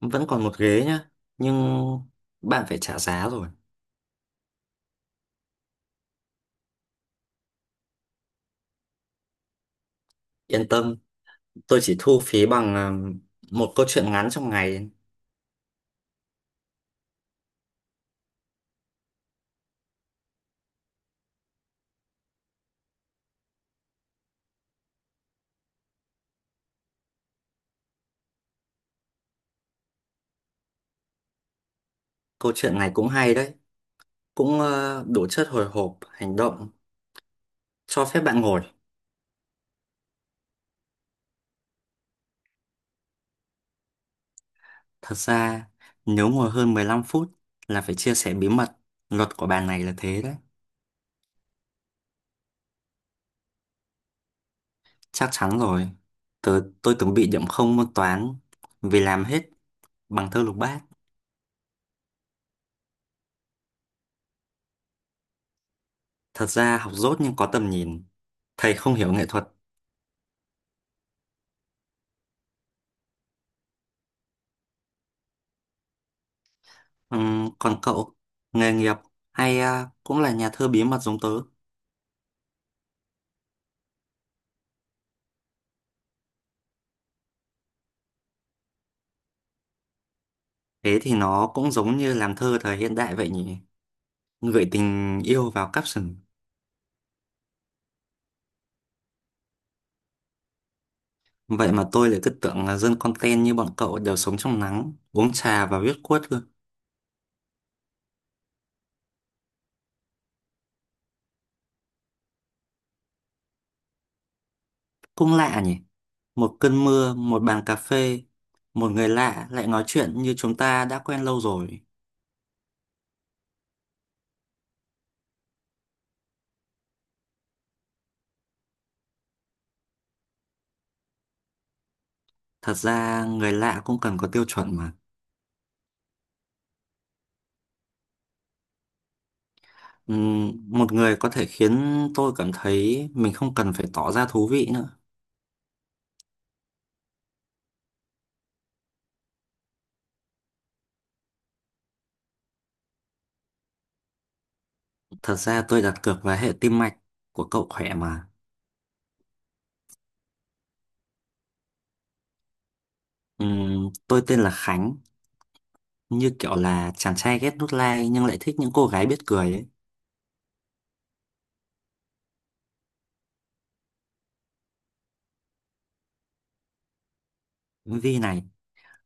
Vẫn còn một ghế nhá nhưng bạn phải trả giá rồi. Yên tâm, tôi chỉ thu phí bằng một câu chuyện ngắn trong ngày. Câu chuyện này cũng hay đấy, cũng đủ chất hồi hộp hành động. Cho phép bạn ngồi. Thật ra nếu ngồi hơn 15 phút là phải chia sẻ bí mật. Luật của bàn này là thế đấy. Chắc chắn rồi, tôi từng bị điểm không môn toán vì làm hết bằng thơ lục bát. Thật ra học dốt nhưng có tầm nhìn, thầy không hiểu nghệ thuật. Ừ, còn cậu, nghề nghiệp hay cũng là nhà thơ bí mật giống tớ. Thế thì nó cũng giống như làm thơ thời hiện đại vậy nhỉ? Gửi tình yêu vào caption. Vậy mà tôi lại cứ tưởng là dân content như bọn cậu đều sống trong nắng, uống trà và viết quất cơ. Cũng lạ nhỉ? Một cơn mưa, một bàn cà phê, một người lạ lại nói chuyện như chúng ta đã quen lâu rồi. Thật ra người lạ cũng cần có tiêu chuẩn mà. Ừm, một người có thể khiến tôi cảm thấy mình không cần phải tỏ ra thú vị nữa. Thật ra tôi đặt cược vào hệ tim mạch của cậu khỏe mà. Tôi tên là Khánh, như kiểu là chàng trai ghét nút like nhưng lại thích những cô gái biết cười ấy. Vi này,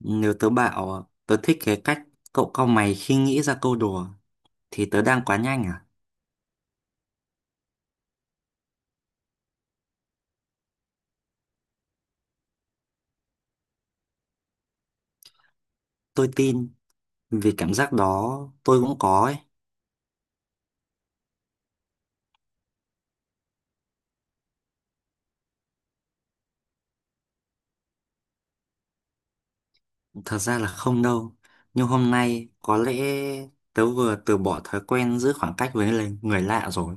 nếu tớ bảo tớ thích cái cách cậu cau mày khi nghĩ ra câu đùa thì tớ đang quá nhanh à? Tôi tin, vì cảm giác đó tôi cũng có ấy. Thật ra là không đâu. Nhưng hôm nay có lẽ tớ vừa từ bỏ thói quen giữ khoảng cách với lại người lạ rồi.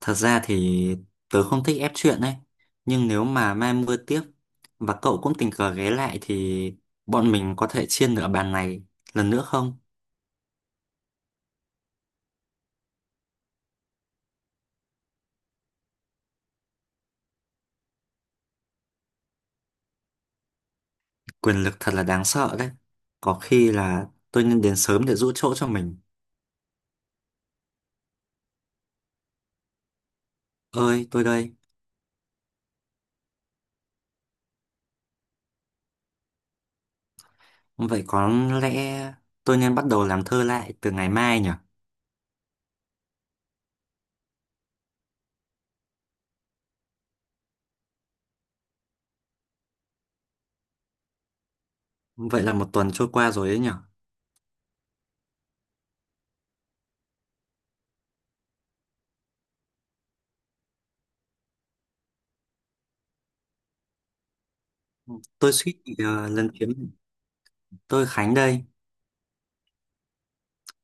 Thật ra thì tớ không thích ép chuyện ấy. Nhưng nếu mà mai mưa tiếp và cậu cũng tình cờ ghé lại thì bọn mình có thể chia nửa bàn này lần nữa không? Quyền lực thật là đáng sợ đấy. Có khi là tôi nên đến sớm để giữ chỗ cho mình. Ơi, tôi đây. Vậy có lẽ tôi nên bắt đầu làm thơ lại từ ngày mai nhỉ? Vậy là một tuần trôi qua rồi đấy nhỉ? Tôi suýt bị Tôi Khánh đây.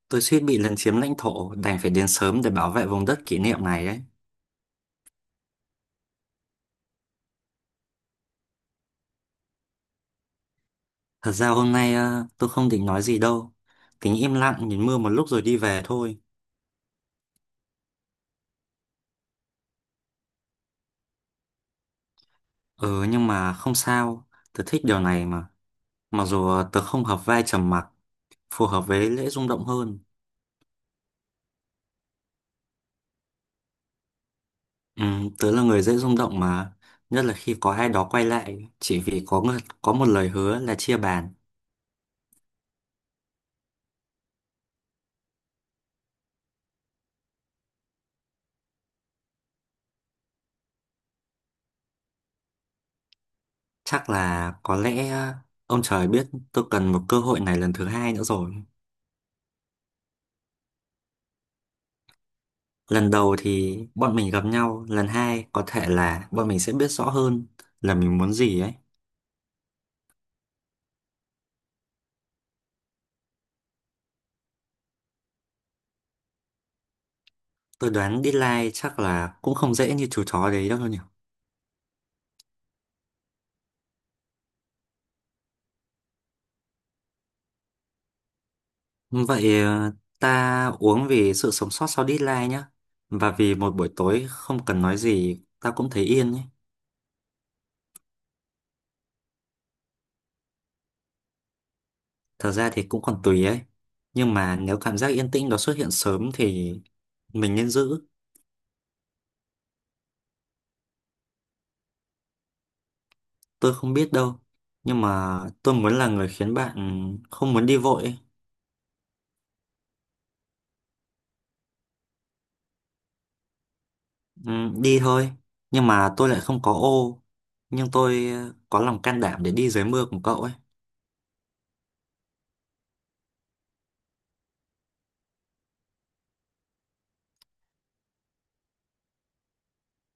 Tôi suýt bị lấn chiếm lãnh thổ, đành phải đến sớm để bảo vệ vùng đất kỷ niệm này đấy. Thật ra hôm nay tôi không định nói gì đâu. Tính im lặng nhìn mưa một lúc rồi đi về thôi. Ừ nhưng mà không sao, tớ thích điều này mà. Mặc dù tớ không hợp vai trầm mặc, phù hợp với lễ rung động hơn. Ừ, tớ là người dễ rung động mà, nhất là khi có ai đó quay lại chỉ vì có một lời hứa là chia bàn. Chắc là có lẽ ông trời biết tôi cần một cơ hội này lần thứ hai nữa rồi. Lần đầu thì bọn mình gặp nhau, lần hai có thể là bọn mình sẽ biết rõ hơn là mình muốn gì ấy. Tôi đoán deadline chắc là cũng không dễ như chú chó đấy đâu nhỉ. Vậy ta uống vì sự sống sót sau deadline nhá. Và vì một buổi tối không cần nói gì, ta cũng thấy yên ấy. Thật ra thì cũng còn tùy ấy. Nhưng mà nếu cảm giác yên tĩnh đó xuất hiện sớm thì mình nên giữ. Tôi không biết đâu. Nhưng mà tôi muốn là người khiến bạn không muốn đi vội ấy. Ừ, đi thôi nhưng mà tôi lại không có ô, nhưng tôi có lòng can đảm để đi dưới mưa cùng cậu ấy.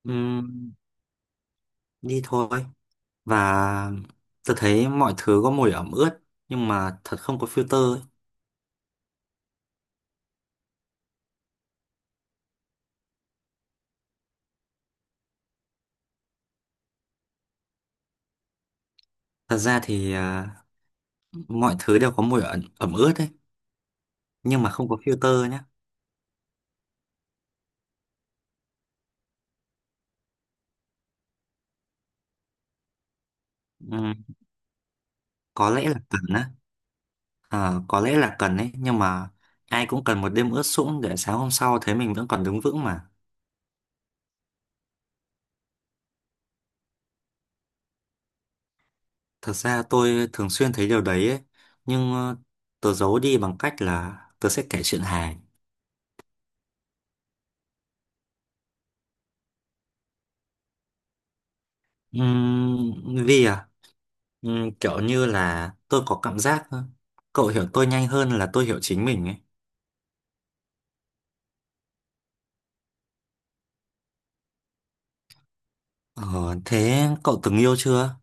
Ừ, đi thôi, và tôi thấy mọi thứ có mùi ẩm ướt nhưng mà thật không có filter ấy. Thật ra thì mọi thứ đều có mùi ẩm ướt ấy nhưng mà không có filter nhá. Ừ, có lẽ là cần á. Ờ, có lẽ là cần ấy, nhưng mà ai cũng cần một đêm ướt sũng để sáng hôm sau thấy mình vẫn còn đứng vững mà. Thật ra tôi thường xuyên thấy điều đấy ấy, nhưng tớ giấu đi bằng cách là tớ sẽ kể chuyện hài. Vì kiểu như là tôi có cảm giác cậu hiểu tôi nhanh hơn là tôi hiểu chính mình ấy. Ờ, thế cậu từng yêu chưa?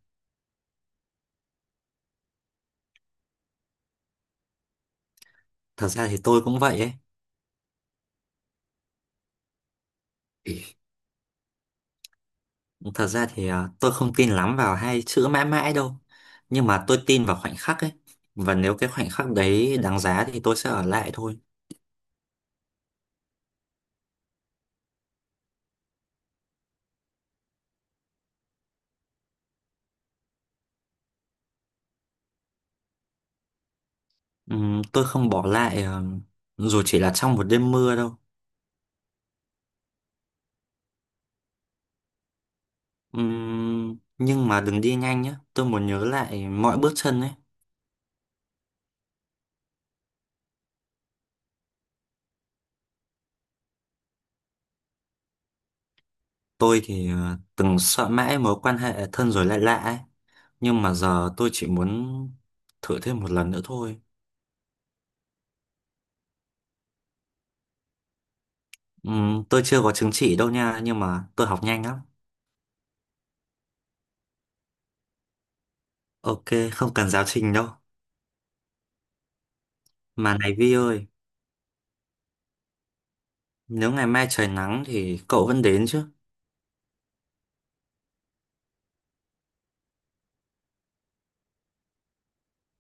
Thật ra thì tôi cũng vậy ấy. Thật ra thì tôi không tin lắm vào hai chữ mãi mãi đâu. Nhưng mà tôi tin vào khoảnh khắc ấy. Và nếu cái khoảnh khắc đấy đáng giá thì tôi sẽ ở lại thôi. Tôi không bỏ lại dù chỉ là trong một đêm mưa đâu. Nhưng mà đừng đi nhanh nhé. Tôi muốn nhớ lại mọi bước chân ấy. Tôi thì từng sợ mãi mối quan hệ thân rồi lại lạ ấy. Nhưng mà giờ tôi chỉ muốn thử thêm một lần nữa thôi. Tôi chưa có chứng chỉ đâu nha, nhưng mà tôi học nhanh lắm. Ok, không cần giáo trình đâu. Mà này Vi ơi, nếu ngày mai trời nắng thì cậu vẫn đến chứ?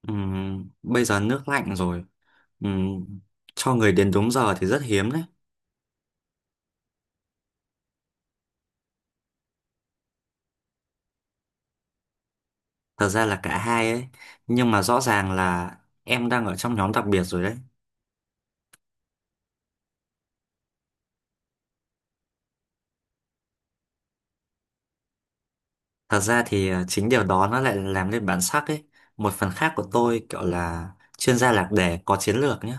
Bây giờ nước lạnh rồi. Ừ, cho người đến đúng giờ thì rất hiếm đấy. Thật ra là cả hai ấy. Nhưng mà rõ ràng là em đang ở trong nhóm đặc biệt rồi đấy. Thật ra thì chính điều đó nó lại làm nên bản sắc ấy. Một phần khác của tôi kiểu là chuyên gia lạc đề có chiến lược nhé.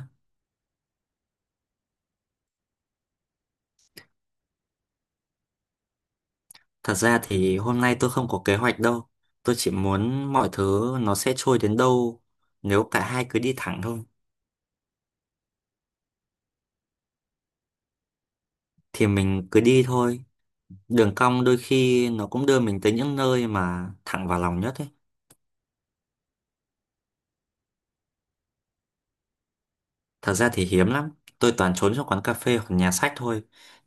Thật ra thì hôm nay tôi không có kế hoạch đâu. Tôi chỉ muốn mọi thứ nó sẽ trôi đến đâu nếu cả hai cứ đi thẳng thôi. Thì mình cứ đi thôi. Đường cong đôi khi nó cũng đưa mình tới những nơi mà thẳng vào lòng nhất ấy. Thật ra thì hiếm lắm. Tôi toàn trốn trong quán cà phê hoặc nhà sách thôi.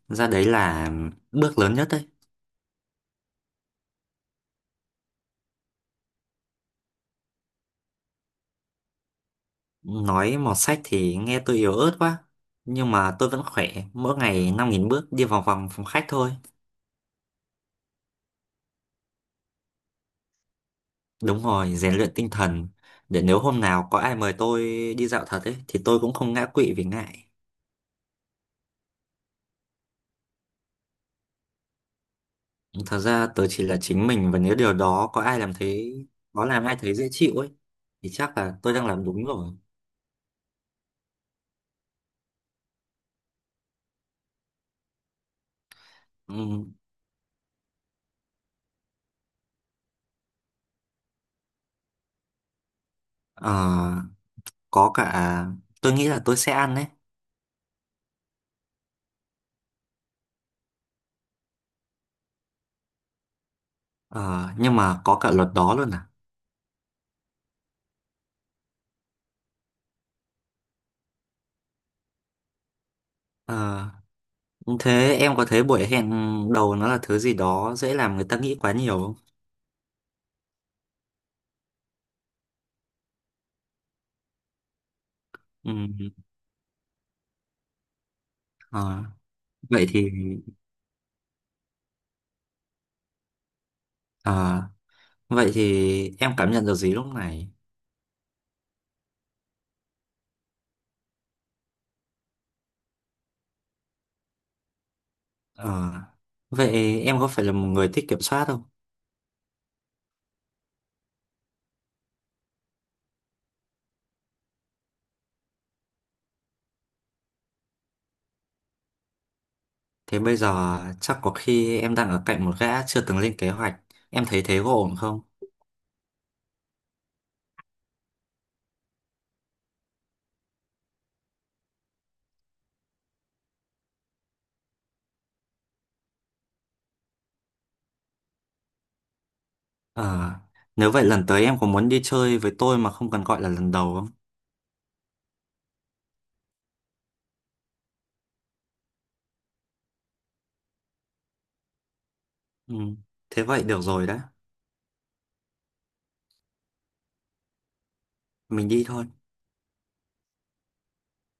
Ra đấy là bước lớn nhất đấy. Nói mọt sách thì nghe tôi yếu ớt quá. Nhưng mà tôi vẫn khỏe. Mỗi ngày 5.000 bước đi vòng vòng phòng khách thôi. Đúng rồi, rèn luyện tinh thần. Để nếu hôm nào có ai mời tôi đi dạo thật ấy, thì tôi cũng không ngã quỵ vì ngại. Thật ra tớ chỉ là chính mình và nếu điều đó có làm ai thấy dễ chịu ấy, thì chắc là tôi đang làm đúng rồi. Ừ. Ờ, có cả tôi nghĩ là tôi sẽ ăn đấy. Ờ, nhưng mà có cả luật đó luôn à. ờ, Thế em có thấy buổi hẹn đầu nó là thứ gì đó dễ làm người ta nghĩ quá nhiều không? Ừm. Ờ, vậy thì ờ, vậy thì em cảm nhận được gì lúc này? ờ, Vậy em có phải là một người thích kiểm soát không? Thế bây giờ chắc có khi em đang ở cạnh một gã chưa từng lên kế hoạch, em thấy thế có ổn không? ờ, Nếu vậy lần tới em có muốn đi chơi với tôi mà không cần gọi là lần đầu không? Ừ. Thế vậy được rồi đã. Mình đi thôi.